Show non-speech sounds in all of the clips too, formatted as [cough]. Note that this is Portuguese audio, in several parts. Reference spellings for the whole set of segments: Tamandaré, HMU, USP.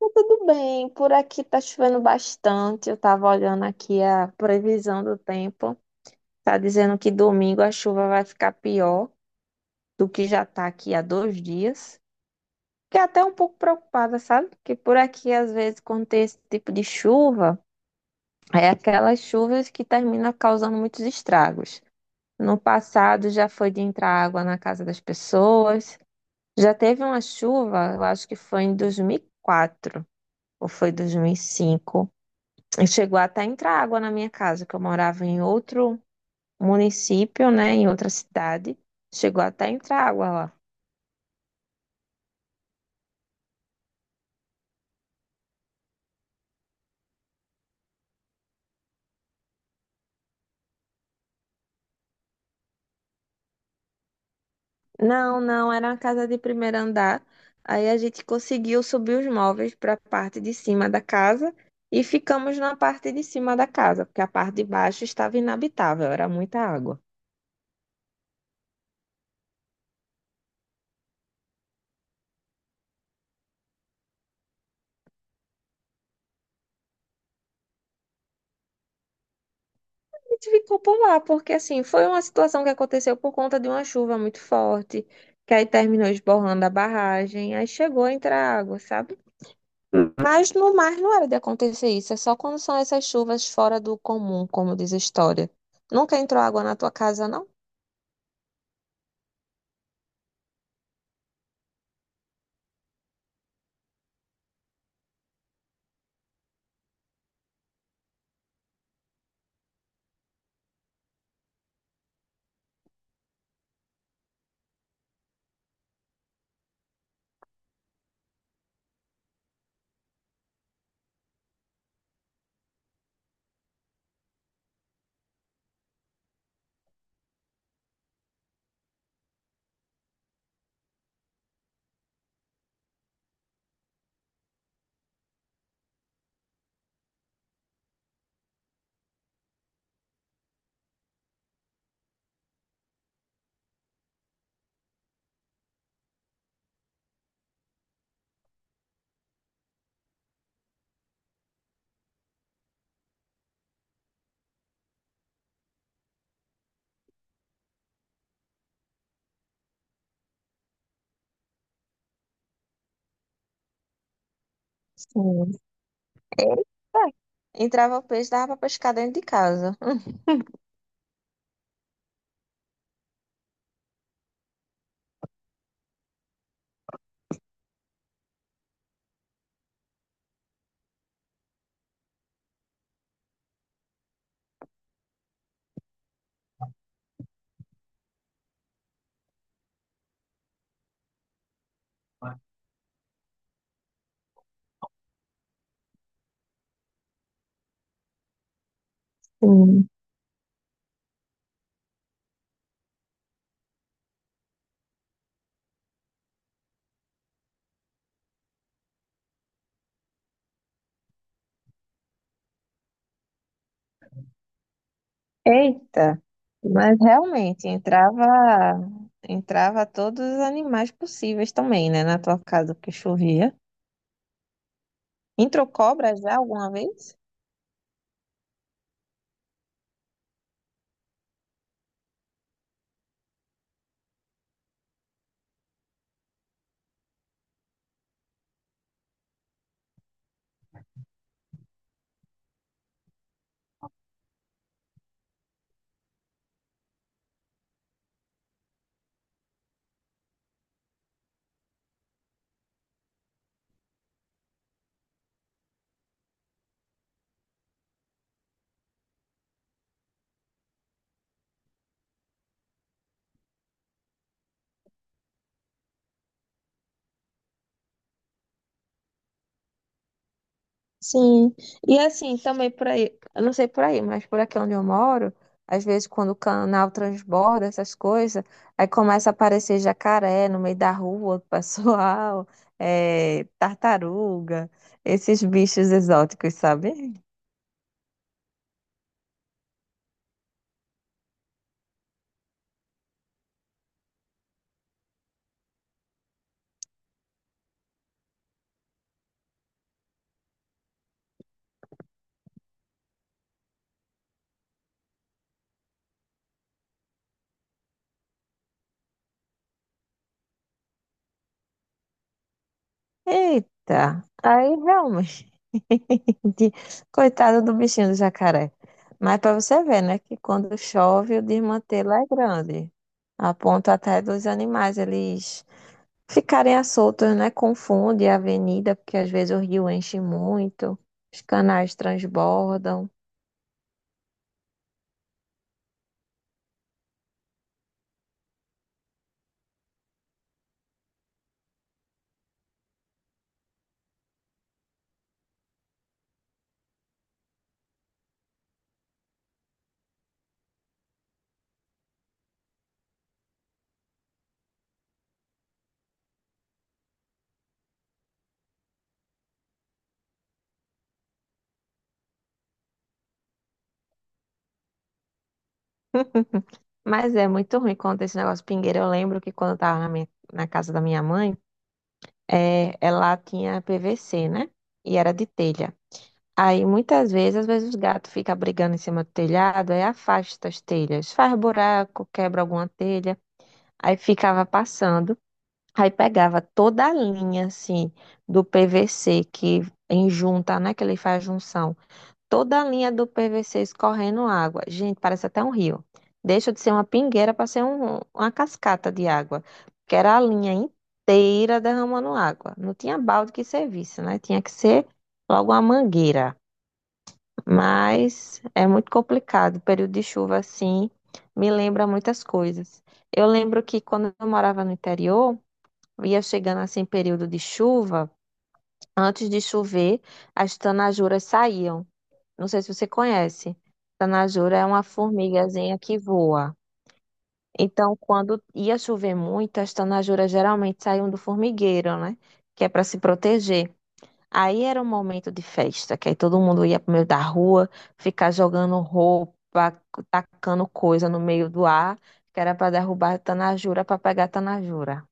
Tá tudo bem, por aqui tá chovendo bastante. Eu tava olhando aqui a previsão do tempo. Tá dizendo que domingo a chuva vai ficar pior do que já tá aqui há 2 dias. Fiquei até um pouco preocupada, sabe? Porque por aqui, às vezes, quando tem esse tipo de chuva, é aquelas chuvas que terminam causando muitos estragos. No passado já foi de entrar água na casa das pessoas. Já teve uma chuva, eu acho que foi em 2004 ou foi 2005 e Chegou até a entrar água na minha casa, que eu morava em outro município, né, em outra cidade. Chegou até a entrar água lá. Não, não, era uma casa de primeiro andar. Aí a gente conseguiu subir os móveis para a parte de cima da casa e ficamos na parte de cima da casa, porque a parte de baixo estava inabitável, era muita água. A gente ficou por lá, porque assim, foi uma situação que aconteceu por conta de uma chuva muito forte, que aí terminou esborrando a barragem, aí chegou a entrar água, sabe? Mas no mar não era de acontecer isso, é só quando são essas chuvas fora do comum, como diz a história. Nunca entrou água na tua casa, não? Sim. É. Entrava o peixe, dava pra pescar dentro de casa. Sim. Eita! Mas realmente entrava todos os animais possíveis também, né? Na tua casa que chovia. Entrou cobra já alguma vez? Sim, e assim, também por aí, eu não sei por aí, mas por aqui onde eu moro, às vezes quando o canal transborda, essas coisas, aí começa a aparecer jacaré no meio da rua, [laughs] do pessoal, é, tartaruga, esses bichos exóticos, sabe? Eita, aí realmente, [laughs] coitado do bichinho do jacaré. Mas para você ver, né, que quando chove o desmantelo é grande, a ponto até dos animais, eles ficarem às soltas, né? Confunde a avenida, porque às vezes o rio enche muito, os canais transbordam. [laughs] Mas é muito ruim quando esse negócio pingueira. Eu lembro que quando eu tava na casa da minha mãe, é, ela tinha PVC, né? E era de telha. Aí muitas vezes, às vezes os gatos ficam brigando em cima do telhado, aí afasta as telhas, faz buraco, quebra alguma telha, aí ficava passando. Aí pegava toda a linha, assim, do PVC que em junta, né? Que ele faz junção. Toda a linha do PVC escorrendo água. Gente, parece até um rio. Deixa de ser uma pingueira para ser uma cascata de água. Que era a linha inteira derramando água. Não tinha balde que servisse, né? Tinha que ser logo uma mangueira. Mas é muito complicado. o Período de chuva, assim, me lembra muitas coisas. Eu lembro que quando eu morava no interior, ia chegando assim período de chuva, antes de chover, as tanajuras saíam. Não sei se você conhece. Tanajura é uma formigazinha que voa. Então, quando ia chover muito, as tanajuras geralmente saíam do formigueiro, né? Que é para se proteger. Aí era um momento de festa, que aí todo mundo ia pro meio da rua, ficar jogando roupa, tacando coisa no meio do ar, que era para derrubar a tanajura, para pegar a tanajura.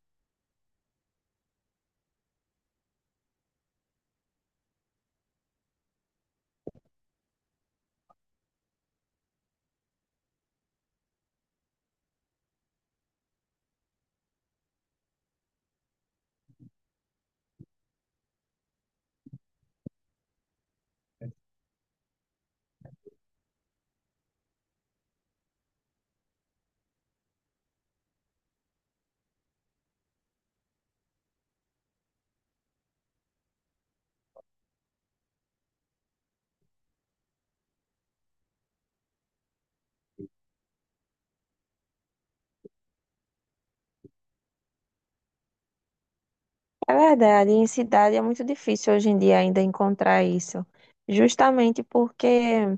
É verdade, em cidade é muito difícil hoje em dia ainda encontrar isso. Justamente porque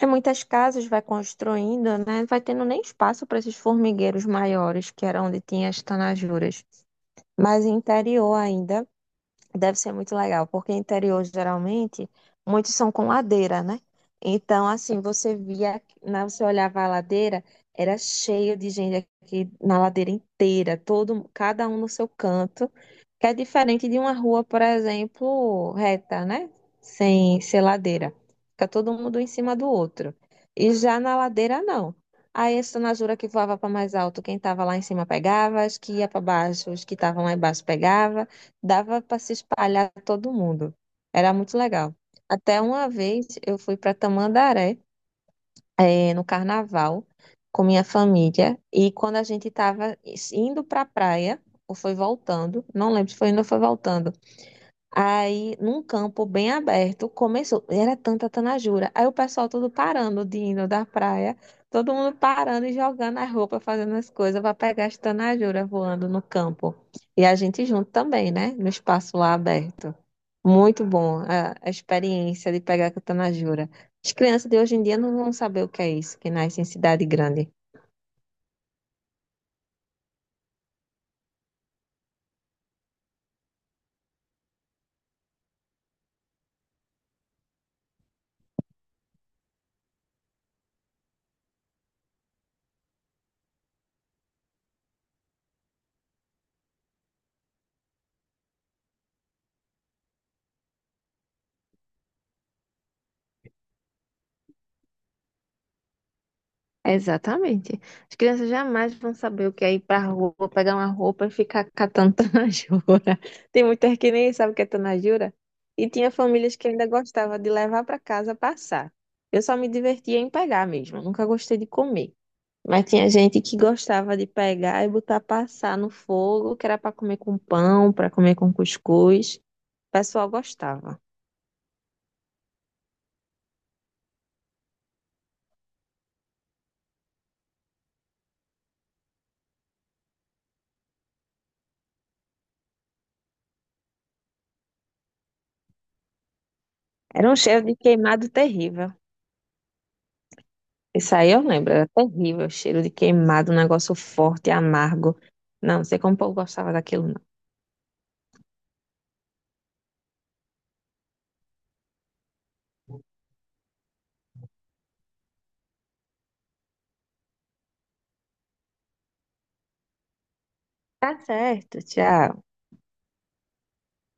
em muitas casas vai construindo, né? Vai tendo nem espaço para esses formigueiros maiores, que era onde tinha as tanajuras. Mas interior ainda. Deve ser muito legal, porque interior geralmente muitos são com ladeira, né? Então, assim, você olhava a ladeira, era cheio de gente aqui na ladeira inteira, todo, cada um no seu canto, que é diferente de uma rua, por exemplo, reta, né? Sem ser ladeira. Fica todo mundo em cima do outro. E já na ladeira, não. Aí, essa na jura que voava para mais alto, quem estava lá em cima pegava, as que ia para baixo, os que estavam lá embaixo pegava dava para se espalhar todo mundo. Era muito legal. Até uma vez eu fui para Tamandaré, no carnaval, com minha família, e quando a gente estava indo para a praia, ou foi voltando, não lembro se foi indo ou foi voltando. Aí, num campo bem aberto, começou. Era tanta tanajura. Aí o pessoal todo parando de indo da praia, todo mundo parando e jogando as roupas, fazendo as coisas para pegar as tanajuras voando no campo. E a gente junto também, né? No espaço lá aberto. Muito bom a experiência de pegar com tanajura. As crianças de hoje em dia não vão saber o que é isso, que nasce em cidade grande. Exatamente. As crianças jamais vão saber o que é ir pra rua, pegar uma roupa e ficar catando [laughs] tanajura. Tem muitas que nem sabem o que é tanajura. E tinha famílias que ainda gostava de levar para casa passar. Eu só me divertia em pegar mesmo, eu nunca gostei de comer. Mas tinha gente que gostava de pegar e botar passar no fogo, que era para comer com pão, para comer com cuscuz. O pessoal gostava. Era um cheiro de queimado terrível. Isso aí eu lembro, era terrível, cheiro de queimado, um negócio forte, amargo. Não, não sei como o povo gostava daquilo, não. Tá certo, tchau.